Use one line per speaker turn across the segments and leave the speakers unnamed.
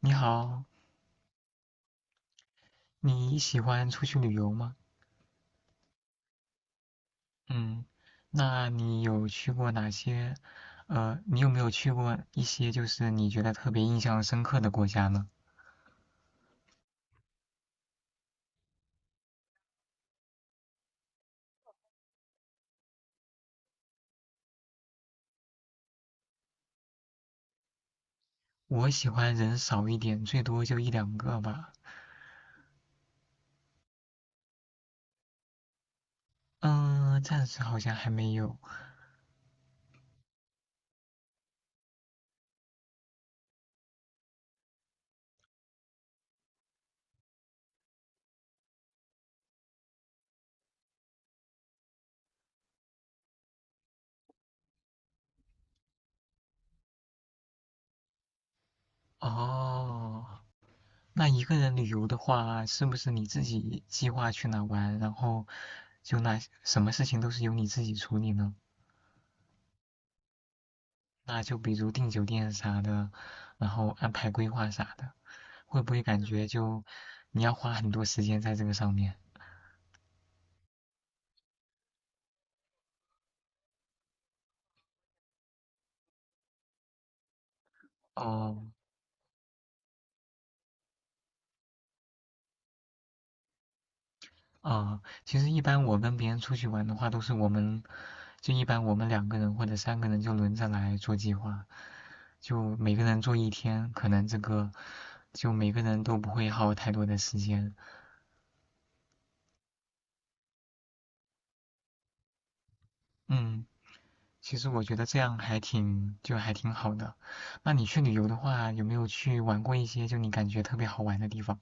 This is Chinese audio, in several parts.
你好。你喜欢出去旅游吗？嗯。那你有去过哪些？你有没有去过一些就是你觉得特别印象深刻的国家呢？我喜欢人少一点，最多就一两个吧。嗯，暂时好像还没有。哦，那一个人旅游的话，是不是你自己计划去哪玩，然后就那什么事情都是由你自己处理呢？那就比如订酒店啥的，然后安排规划啥的。会不会感觉就你要花很多时间在这个上面？哦。啊，其实一般我跟别人出去玩的话，都是我们就一般我们两个人或者三个人就轮着来做计划，就每个人做一天，可能这个就每个人都不会耗太多的时间。嗯，其实我觉得这样还挺好的。那你去旅游的话，有没有去玩过一些就你感觉特别好玩的地方？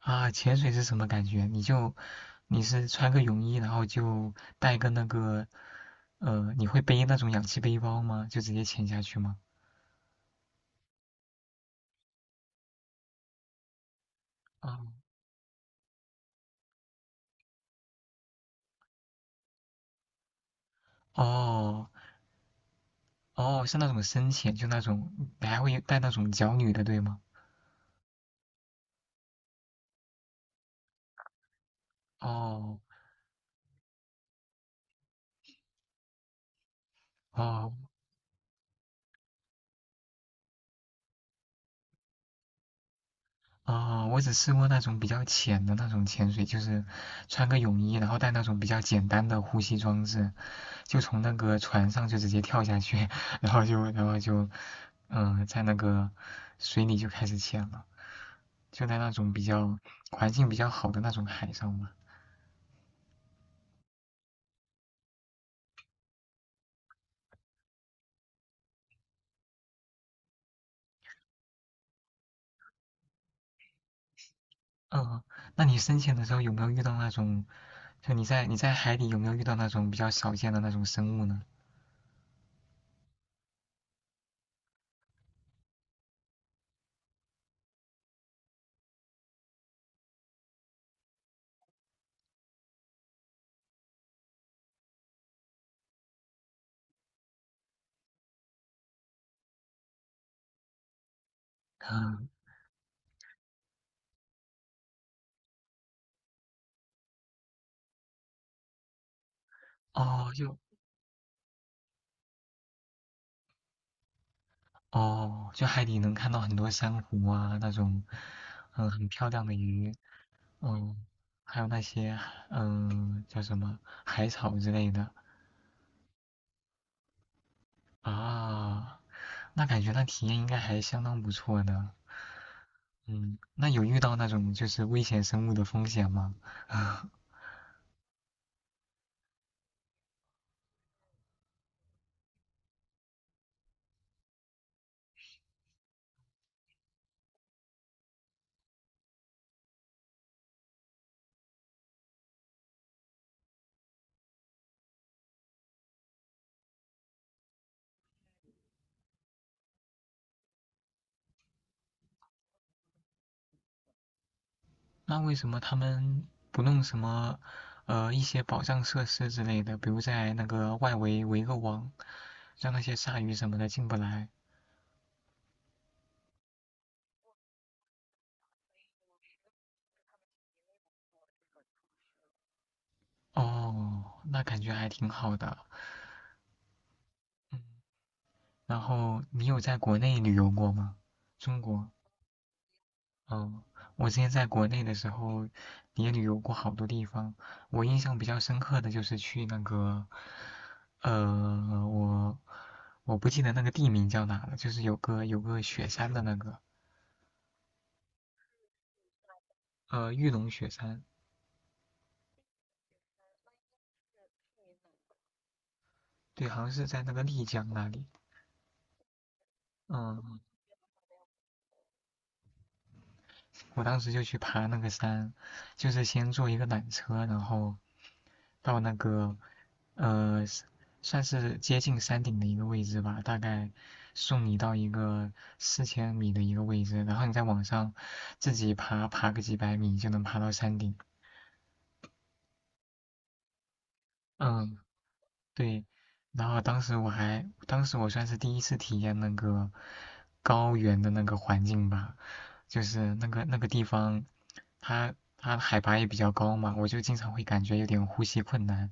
啊，潜水是什么感觉？你是穿个泳衣，然后就带个那个，你会背那种氧气背包吗？就直接潜下去吗？哦哦哦，是那种深潜，就那种，你还会带那种脚蹼的，对吗？哦哦，啊、我只试过那种比较浅的那种潜水，就是穿个泳衣，然后带那种比较简单的呼吸装置，就从那个船上就直接跳下去。然后就然后就，在那个水里就开始潜了，就在那种环境比较好的那种海上嘛。嗯，那你深潜的时候有没有遇到那种，就你在海底有没有遇到那种比较少见的那种生物呢？嗯，哦，哦，就海底能看到很多珊瑚啊，那种，嗯，很漂亮的鱼。嗯，还有那些，叫什么海草之类的啊。那感觉那体验应该还相当不错的。嗯，那有遇到那种就是危险生物的风险吗？啊，那为什么他们不弄什么，一些保障设施之类的，比如在那个外围围个网，让那些鲨鱼什么的进不来？哦，那感觉还挺好的。嗯，然后你有在国内旅游过吗？中国？嗯，我之前在国内的时候也旅游过好多地方。我印象比较深刻的就是去那个，呃，我我不记得那个地名叫哪了，就是有个雪山的那个，玉龙雪山。对，好像是在那个丽江那里。嗯，我当时就去爬那个山，就是先坐一个缆车，然后到那个呃，算是接近山顶的一个位置吧，大概送你到一个4000米的一个位置，然后你再往上自己爬，爬个几百米就能爬到山顶。嗯，对。然后当时我算是第一次体验那个高原的那个环境吧，就是那个地方，它海拔也比较高嘛，我就经常会感觉有点呼吸困难，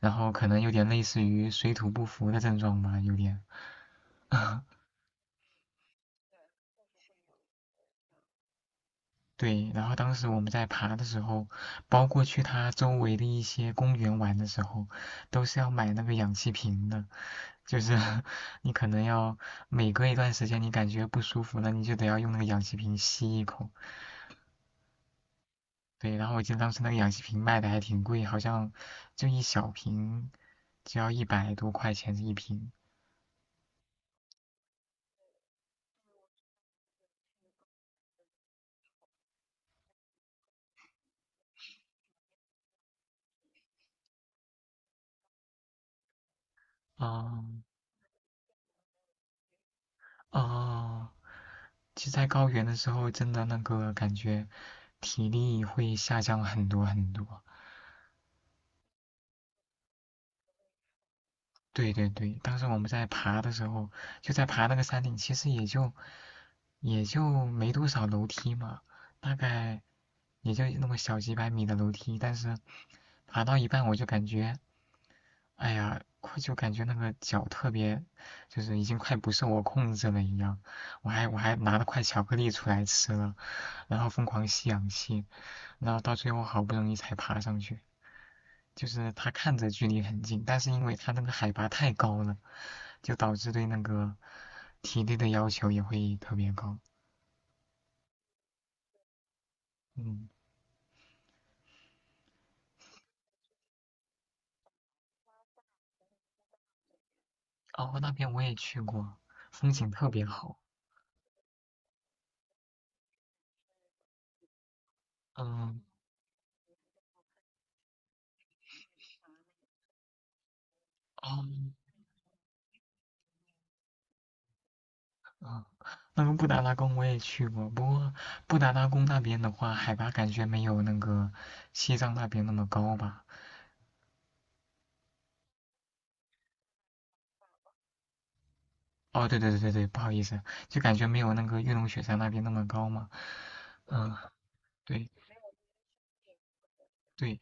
然后可能有点类似于水土不服的症状吧，有点。对，然后当时我们在爬的时候，包括去它周围的一些公园玩的时候，都是要买那个氧气瓶的。就是 你可能要每隔一段时间，你感觉不舒服了，你就得要用那个氧气瓶吸一口。对，然后我记得当时那个氧气瓶卖的还挺贵，好像就一小瓶就要100多块钱一瓶。哦哦，其实，在高原的时候，真的那个感觉体力会下降很多很多。对对对，当时我们在爬的时候，就在爬那个山顶，其实也就没多少楼梯嘛，大概也就那么小几百米的楼梯，但是爬到一半我就感觉哎呀，快就感觉那个脚特别，就是已经快不受我控制了一样。我还拿了块巧克力出来吃了，然后疯狂吸氧气，然后到最后好不容易才爬上去。就是它看着距离很近，但是因为它那个海拔太高了，就导致对那个体力的要求也会特别高。嗯，哦，那边我也去过，风景特别好。嗯，哦，啊，那个布达拉宫我也去过，不过布达拉宫那边的话，海拔感觉没有那个西藏那边那么高吧？哦，对对对对对，不好意思，就感觉没有那个玉龙雪山那边那么高嘛。嗯，对对，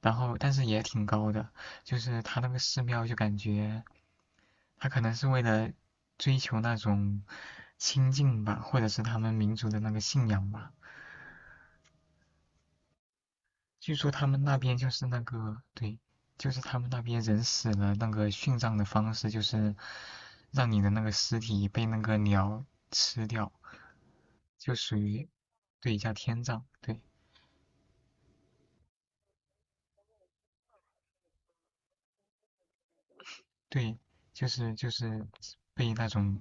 然后但是也挺高的，就是它那个寺庙就感觉，它可能是为了追求那种清净吧，或者是他们民族的那个信仰吧，据说他们那边就是那个，对，就是他们那边人死了，那个殉葬的方式就是让你的那个尸体被那个鸟吃掉，就属于，对，叫天葬。对对，就是被那种，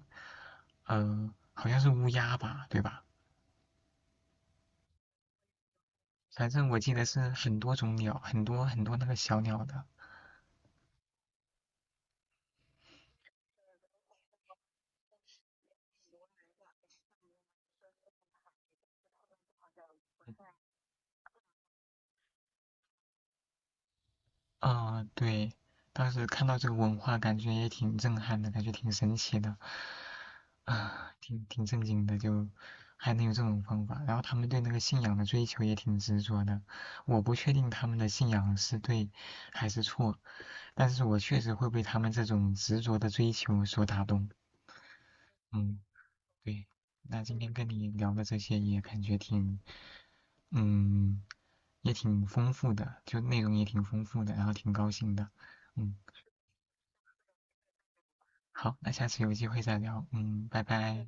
好像是乌鸦吧，对吧？反正我记得是很多种鸟，很多很多那个小鸟的。啊，对，当时看到这个文化，感觉也挺震撼的，感觉挺神奇的，啊，挺正经的，就还能有这种方法。然后他们对那个信仰的追求也挺执着的，我不确定他们的信仰是对还是错，但是我确实会被他们这种执着的追求所打动。嗯。对，那今天跟你聊的这些也感觉嗯，也挺丰富的，就内容也挺丰富的，然后挺高兴的。嗯，好，那下次有机会再聊。嗯，拜拜。